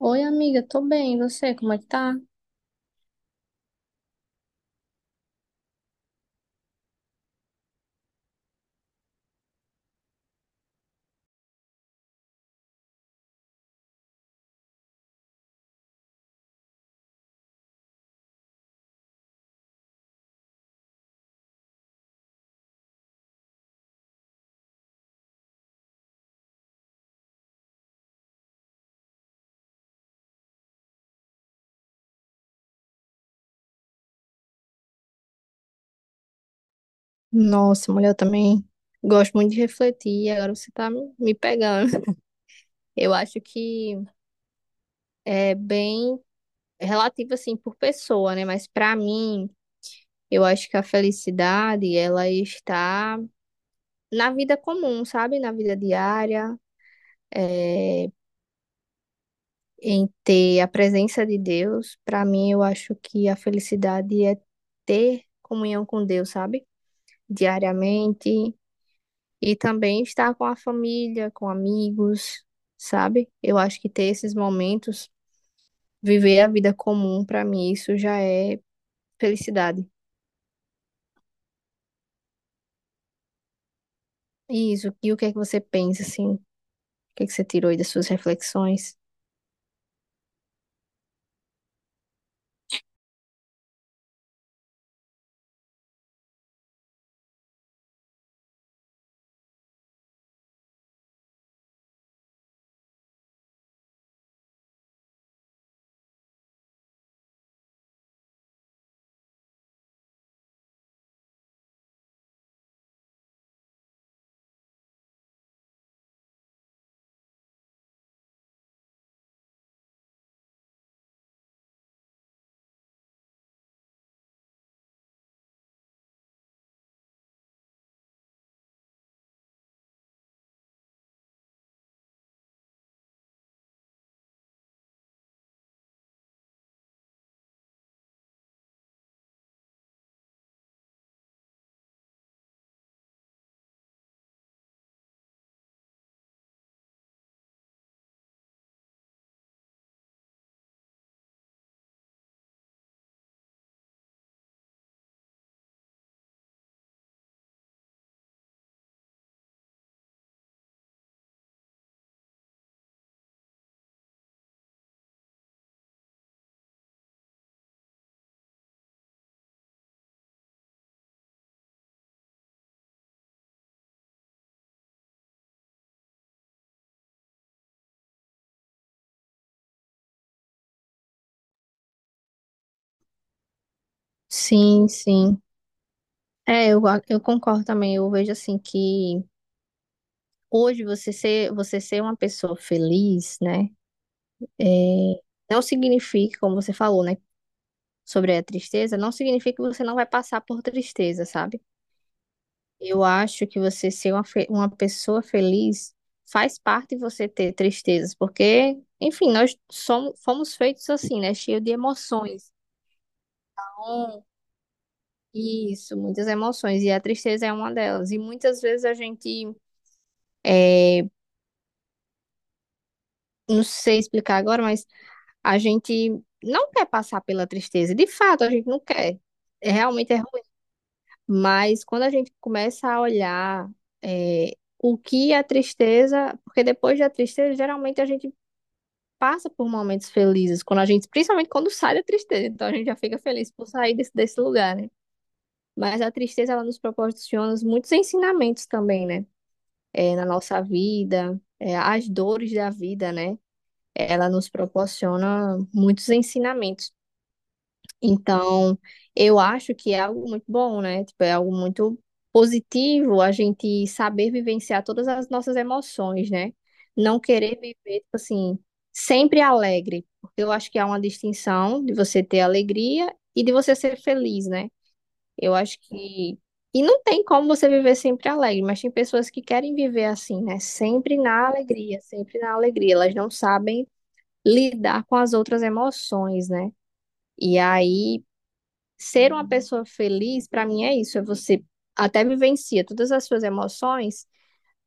Oi, amiga, tô bem. E você, como é que tá? Nossa, mulher, eu também gosto muito de refletir. Agora você tá me pegando. Eu acho que é bem relativo, assim, por pessoa, né? Mas pra mim, eu acho que a felicidade, ela está na vida comum, sabe? Na vida diária, é, em ter a presença de Deus. Pra mim, eu acho que a felicidade é ter comunhão com Deus, sabe? Diariamente. E também estar com a família, com amigos, sabe? Eu acho que ter esses momentos, viver a vida comum, pra mim, isso já é felicidade. E isso. E o que é que você pensa, assim? O que é que você tirou aí das suas reflexões? Sim, sim. Eu concordo também. Eu vejo, assim, que hoje você ser uma pessoa feliz, né? É, não significa, como você falou, né? Sobre a tristeza, não significa que você não vai passar por tristeza, sabe? Eu acho que você ser uma, uma pessoa feliz faz parte de você ter tristezas, porque, enfim, nós somos, fomos feitos assim, né? Cheio de emoções. Então, isso, muitas emoções, e a tristeza é uma delas. E muitas vezes a gente, é, não sei explicar agora, mas a gente não quer passar pela tristeza. De fato, a gente não quer. É, realmente é ruim. Mas quando a gente começa a olhar, o que a tristeza, porque depois da tristeza, geralmente a gente passa por momentos felizes, quando a gente, principalmente quando sai da tristeza, então a gente já fica feliz por sair desse, desse lugar, né? Mas a tristeza, ela nos proporciona muitos ensinamentos também, né? Na nossa vida, as dores da vida, né? Ela nos proporciona muitos ensinamentos. Então, eu acho que é algo muito bom, né? Tipo, é algo muito positivo a gente saber vivenciar todas as nossas emoções, né? Não querer viver, tipo assim, sempre alegre, porque eu acho que há uma distinção de você ter alegria e de você ser feliz, né? Eu acho que. E não tem como você viver sempre alegre, mas tem pessoas que querem viver assim, né? Sempre na alegria, sempre na alegria. Elas não sabem lidar com as outras emoções, né? E aí. Ser uma pessoa feliz, para mim, é isso. É você até vivencia todas as suas emoções,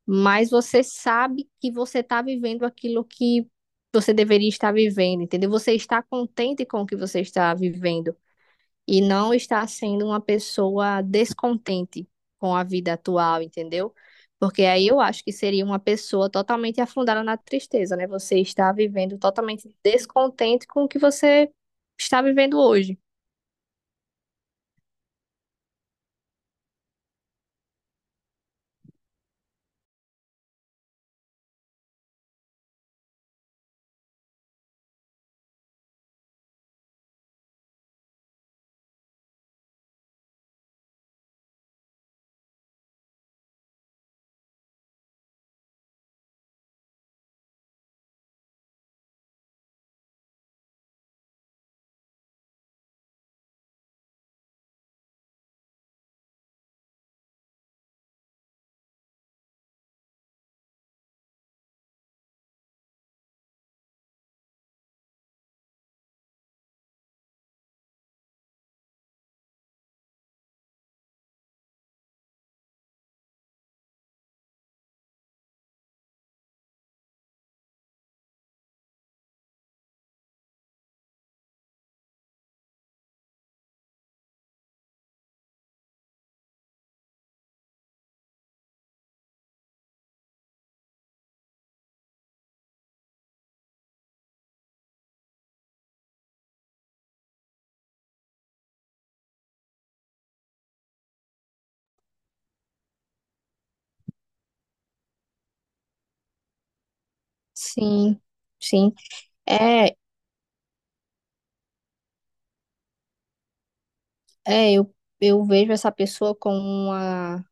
mas você sabe que você está vivendo aquilo que você deveria estar vivendo, entendeu? Você está contente com o que você está vivendo e não está sendo uma pessoa descontente com a vida atual, entendeu? Porque aí eu acho que seria uma pessoa totalmente afundada na tristeza, né? Você está vivendo totalmente descontente com o que você está vivendo hoje. Sim, sim. É, é, eu, eu vejo essa pessoa como uma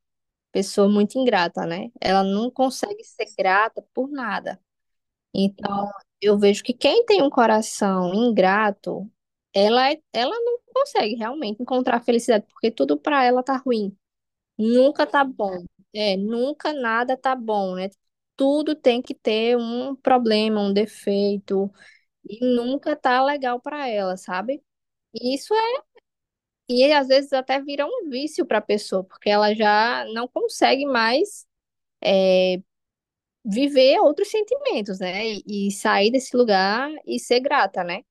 pessoa muito ingrata, né? Ela não consegue ser grata por nada. Então, eu vejo que quem tem um coração ingrato, ela não consegue realmente encontrar felicidade, porque tudo pra ela tá ruim. Nunca tá bom. É, nunca nada tá bom, né? Tudo tem que ter um problema, um defeito, e nunca tá legal pra ela, sabe? Isso. E às vezes até vira um vício para a pessoa, porque ela já não consegue mais viver outros sentimentos, né? E sair desse lugar e ser grata, né?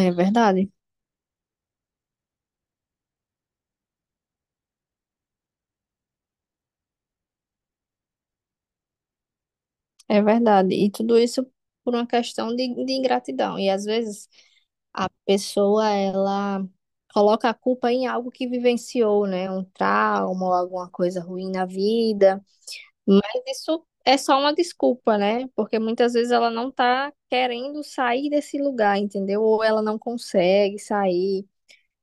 É verdade, é verdade. E tudo isso por uma questão de ingratidão. E às vezes a pessoa, ela coloca a culpa em algo que vivenciou, né? Um trauma ou alguma coisa ruim na vida. Mas isso é só uma desculpa, né? Porque muitas vezes ela não tá querendo sair desse lugar, entendeu? Ou ela não consegue sair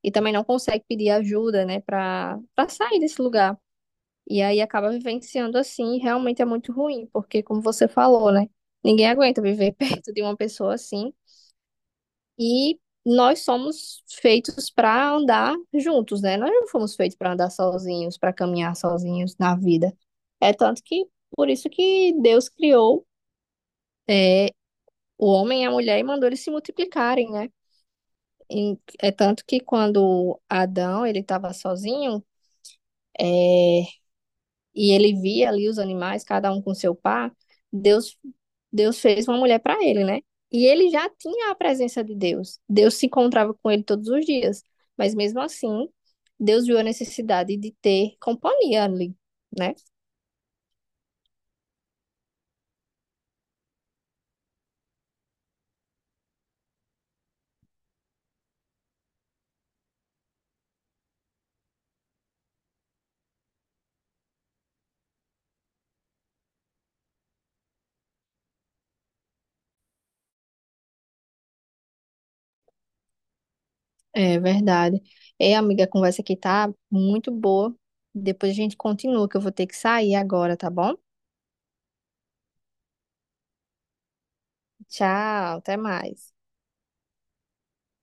e também não consegue pedir ajuda, né, Pra para sair desse lugar. E aí acaba vivenciando assim, e realmente é muito ruim, porque como você falou, né? Ninguém aguenta viver perto de uma pessoa assim. E nós somos feitos para andar juntos, né? Nós não fomos feitos para andar sozinhos, para caminhar sozinhos na vida. É tanto que por isso que Deus criou é, o homem e a mulher e mandou eles se multiplicarem, né? E é tanto que quando Adão ele estava sozinho, é, e ele via ali os animais, cada um com seu par, Deus, Deus fez uma mulher para ele, né? E ele já tinha a presença de Deus. Deus se encontrava com ele todos os dias. Mas mesmo assim, Deus viu a necessidade de ter companhia ali, né? É verdade. Ei, amiga, a conversa aqui tá muito boa. Depois a gente continua, que eu vou ter que sair agora, tá bom? Tchau, até mais.